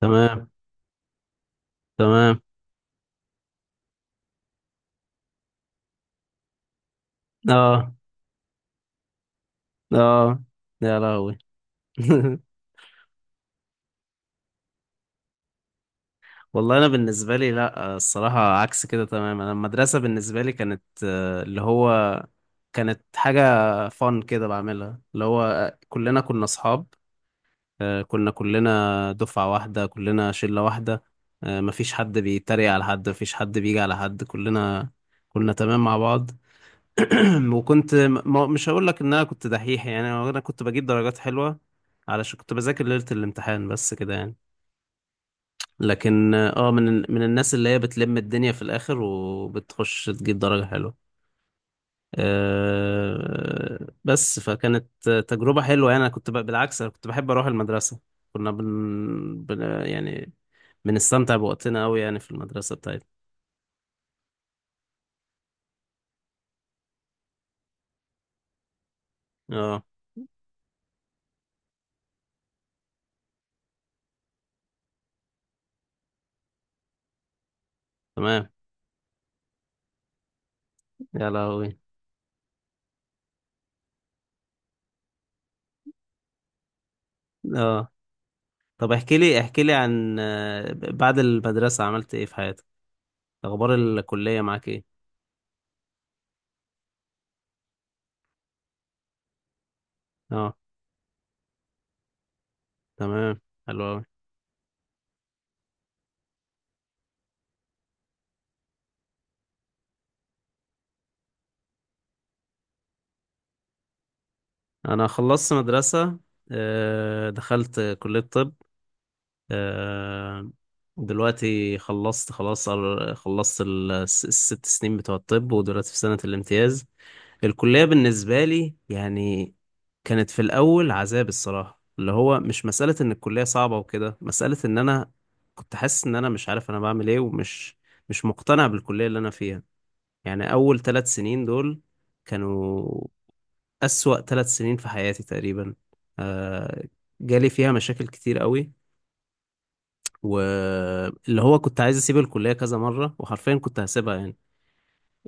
تمام، تمام. اه، اه. يا لهوي. والله انا بالنسبه لي، لا، الصراحه عكس كده تماما. انا المدرسه بالنسبه لي كانت، اللي هو كانت حاجه فن كده بعملها اللي هو، كلنا كنا اصحاب. كنا كلنا دفعه واحده، كلنا شله واحده. مفيش حد بيتريق على حد، مفيش حد بيجي على حد، كلنا كنا تمام مع بعض. وكنت، ما مش هقول لك ان انا كنت دحيح، يعني انا كنت بجيب درجات حلوه علشان كنت بذاكر ليله الامتحان بس كده يعني. لكن من الناس اللي هي بتلم الدنيا في الاخر وبتخش تجيب درجه حلوه. بس فكانت تجربه حلوه يعني، انا كنت بالعكس، انا كنت بحب اروح المدرسه. كنا يعني بنستمتع بوقتنا قوي يعني في المدرسه بتاعتنا. اه، تمام، يا لهوي، اه. طب احكي لي، احكي لي عن، بعد المدرسة عملت ايه في حياتك؟ اخبار الكلية معاك ايه؟ اه، تمام، حلو أوي. انا خلصت مدرسة، دخلت كلية طب. آه، دلوقتي خلصت خلاص، خلصت الست سنين بتوع الطب، ودلوقتي في سنة الامتياز. الكلية بالنسبة لي يعني كانت في الأول عذاب. الصراحة اللي هو مش مسألة إن الكلية صعبة وكده، مسألة إن أنا كنت حاسس إن أنا مش عارف أنا بعمل إيه، ومش مش مقتنع بالكلية اللي أنا فيها. يعني أول ثلاث سنين دول كانوا أسوأ ثلاث سنين في حياتي تقريبا. آه، جالي فيها مشاكل كتير قوي، واللي هو كنت عايز أسيب الكلية كذا مرة، وحرفيا كنت هسيبها يعني.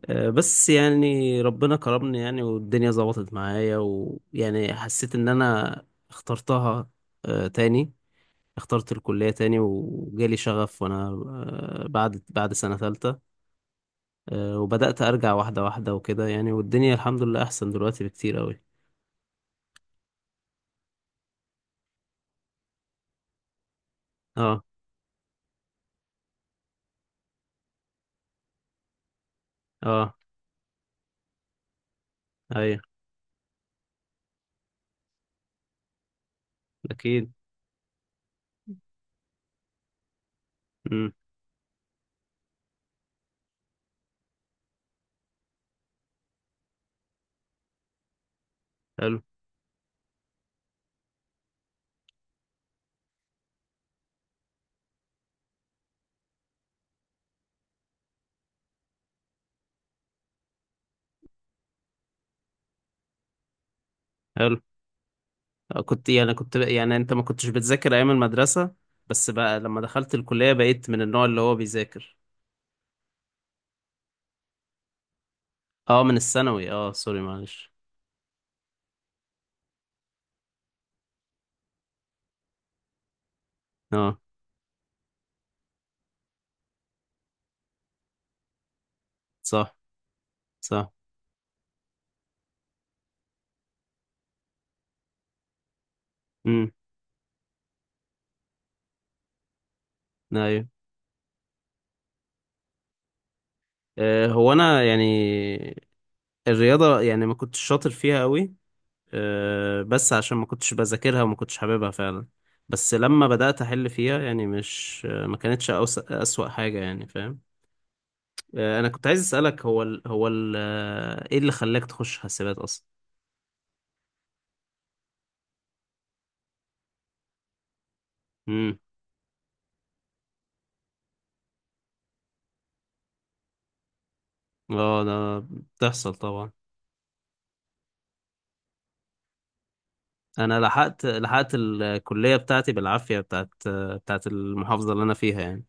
بس يعني ربنا كرمني يعني، والدنيا ظبطت معايا، ويعني حسيت ان انا اخترتها تاني. اخترت الكلية تاني وجالي شغف، وانا بعد سنة ثالثة، وبدأت ارجع واحدة واحدة وكده، يعني والدنيا الحمد لله احسن دلوقتي بكتير قوي. اه، اه، ايوه، اكيد. امم. حلو، حلو. كنت يعني انت ما كنتش بتذاكر ايام المدرسة، بس بقى لما دخلت الكلية بقيت من النوع اللي هو بيذاكر. اه، من الثانوي. اه، سوري، معلش. اه. صح، صح. امم، ايوه. هو انا يعني الرياضه يعني ما كنتش شاطر فيها قوي. بس عشان ما كنتش بذاكرها وما كنتش حاببها فعلا. بس لما بدات احل فيها يعني، مش ما كانتش اسوأ حاجه يعني، فاهم؟ انا كنت عايز اسالك، هو ال ايه اللي خلاك تخش حاسبات اصلا؟ امم. اه، ده بتحصل طبعا. انا لحقت الكليه بتاعتي بالعافيه، بتاعت المحافظه اللي انا فيها يعني.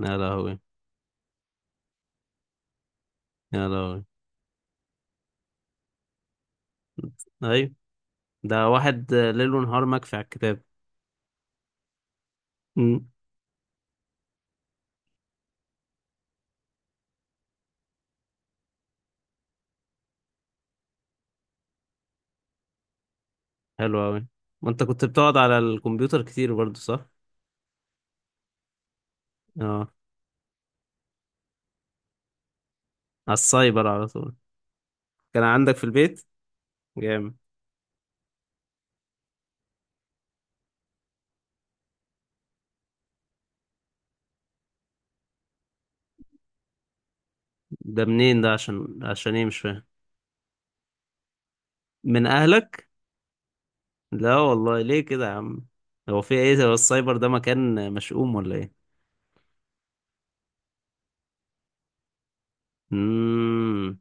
يا لهوي، يا لهوي. ايوه، ده واحد ليل ونهار مكفي على الكتاب. امم. حلو قوي. وانت كنت بتقعد على الكمبيوتر كتير برضو، صح؟ اه، على السايبر على طول. كان عندك في البيت، جامد. ده منين ده؟ عشان ايه؟ مش فاهم. من اهلك؟ لا والله، ليه كده يا عم؟ هو في ايه، هو السايبر ده مكان مشؤوم ولا ايه؟ امم.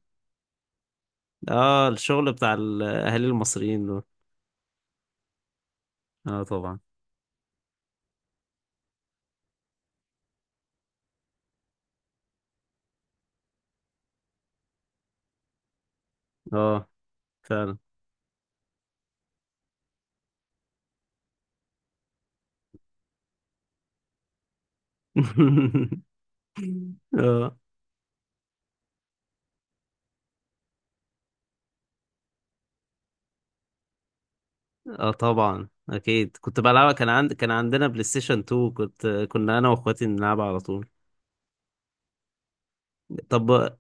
اه، الشغل بتاع الاهالي المصريين دول. اه، طبعا. اه، فعلا. اه، اه، طبعا، اكيد كنت بلعبها. كان عندنا بلاي ستيشن 2. كنا انا واخواتي نلعبها على طول. طب،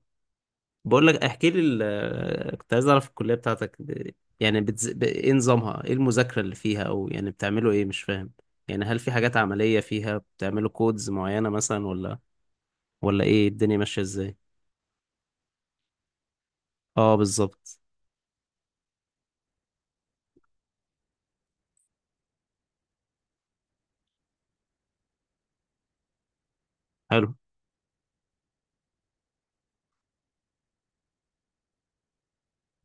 بقول لك، احكي لي كنت عايز اعرف الكلية بتاعتك يعني ايه نظامها، ايه المذاكرة اللي فيها، او يعني بتعملوا ايه، مش فاهم. يعني هل في حاجات عملية فيها بتعملوا كودز معينة مثلا، ولا ايه الدنيا ماشية ازاي؟ اه، بالظبط. حلو.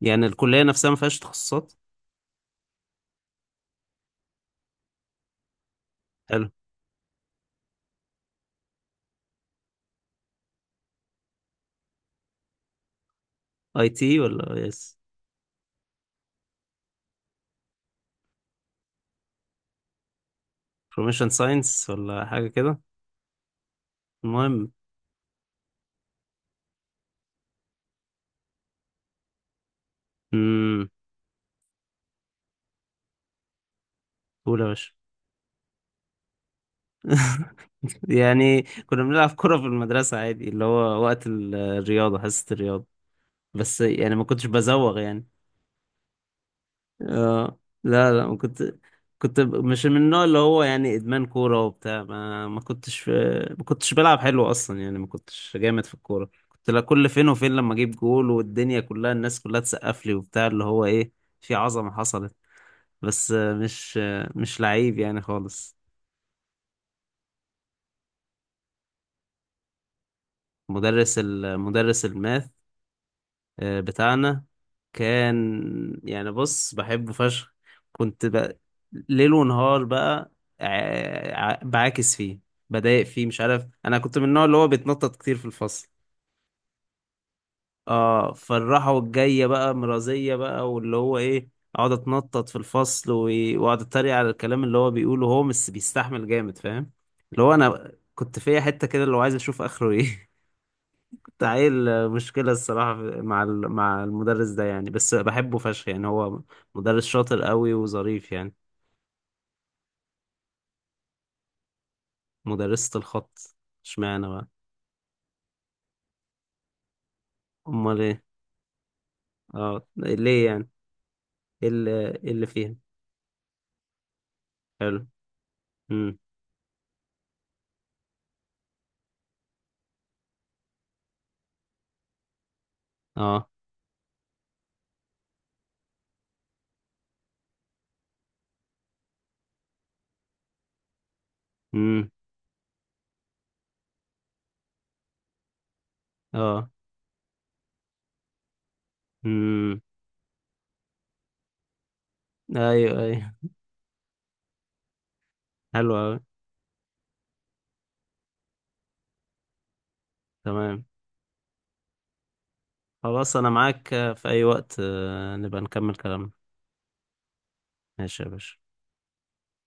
يعني الكلية نفسها ما فيهاش تخصصات؟ حلو. اي تي ولا يس انفورميشن ساينس ولا حاجة كده؟ المهم. امم. قول يا باشا. يعني كنا بنلعب كرة في المدرسة عادي، اللي هو وقت الرياضة، حصة الرياضة. بس يعني ما كنتش بزوغ يعني. اه. لا، لا، ما كنت. كنت مش من النوع اللي هو يعني إدمان كورة وبتاع، ما كنتش، ما كنتش بلعب حلو أصلا يعني. ما كنتش جامد في الكورة. كنت، لا، كل فين وفين لما أجيب جول والدنيا كلها، الناس كلها تسقف لي وبتاع، اللي هو إيه، في عظمة حصلت. بس مش لعيب يعني خالص. المدرس الماث، بتاعنا كان يعني، بص، بحبه فشخ. كنت بقى ليل ونهار بقى، بعاكس فيه، بضايق فيه، مش عارف، انا كنت من النوع اللي هو بيتنطط كتير في الفصل. اه، فالراحة والجاية بقى مرازية بقى، واللي هو ايه، اقعد اتنطط في الفصل، واقعد اتريق على الكلام اللي هو بيقوله، هو مش بيستحمل جامد فاهم، اللي هو انا كنت فيا حتة كده اللي هو عايز اشوف اخره ايه، تعيل. مشكلة الصراحة مع مع المدرس ده يعني، بس بحبه فشخ يعني، هو مدرس شاطر قوي وظريف يعني. مدرسة الخط؟ اشمعنى بقى؟ امال ايه؟ اه، ليه يعني؟ ايه اللي إيه اللي فيها؟ حلو. امم. اه. امم. اه. امم، ايوه، ايوه. حلو قوي. تمام، خلاص، انا معاك في اي وقت، نبقى نكمل كلامنا. ماشي يا باشا.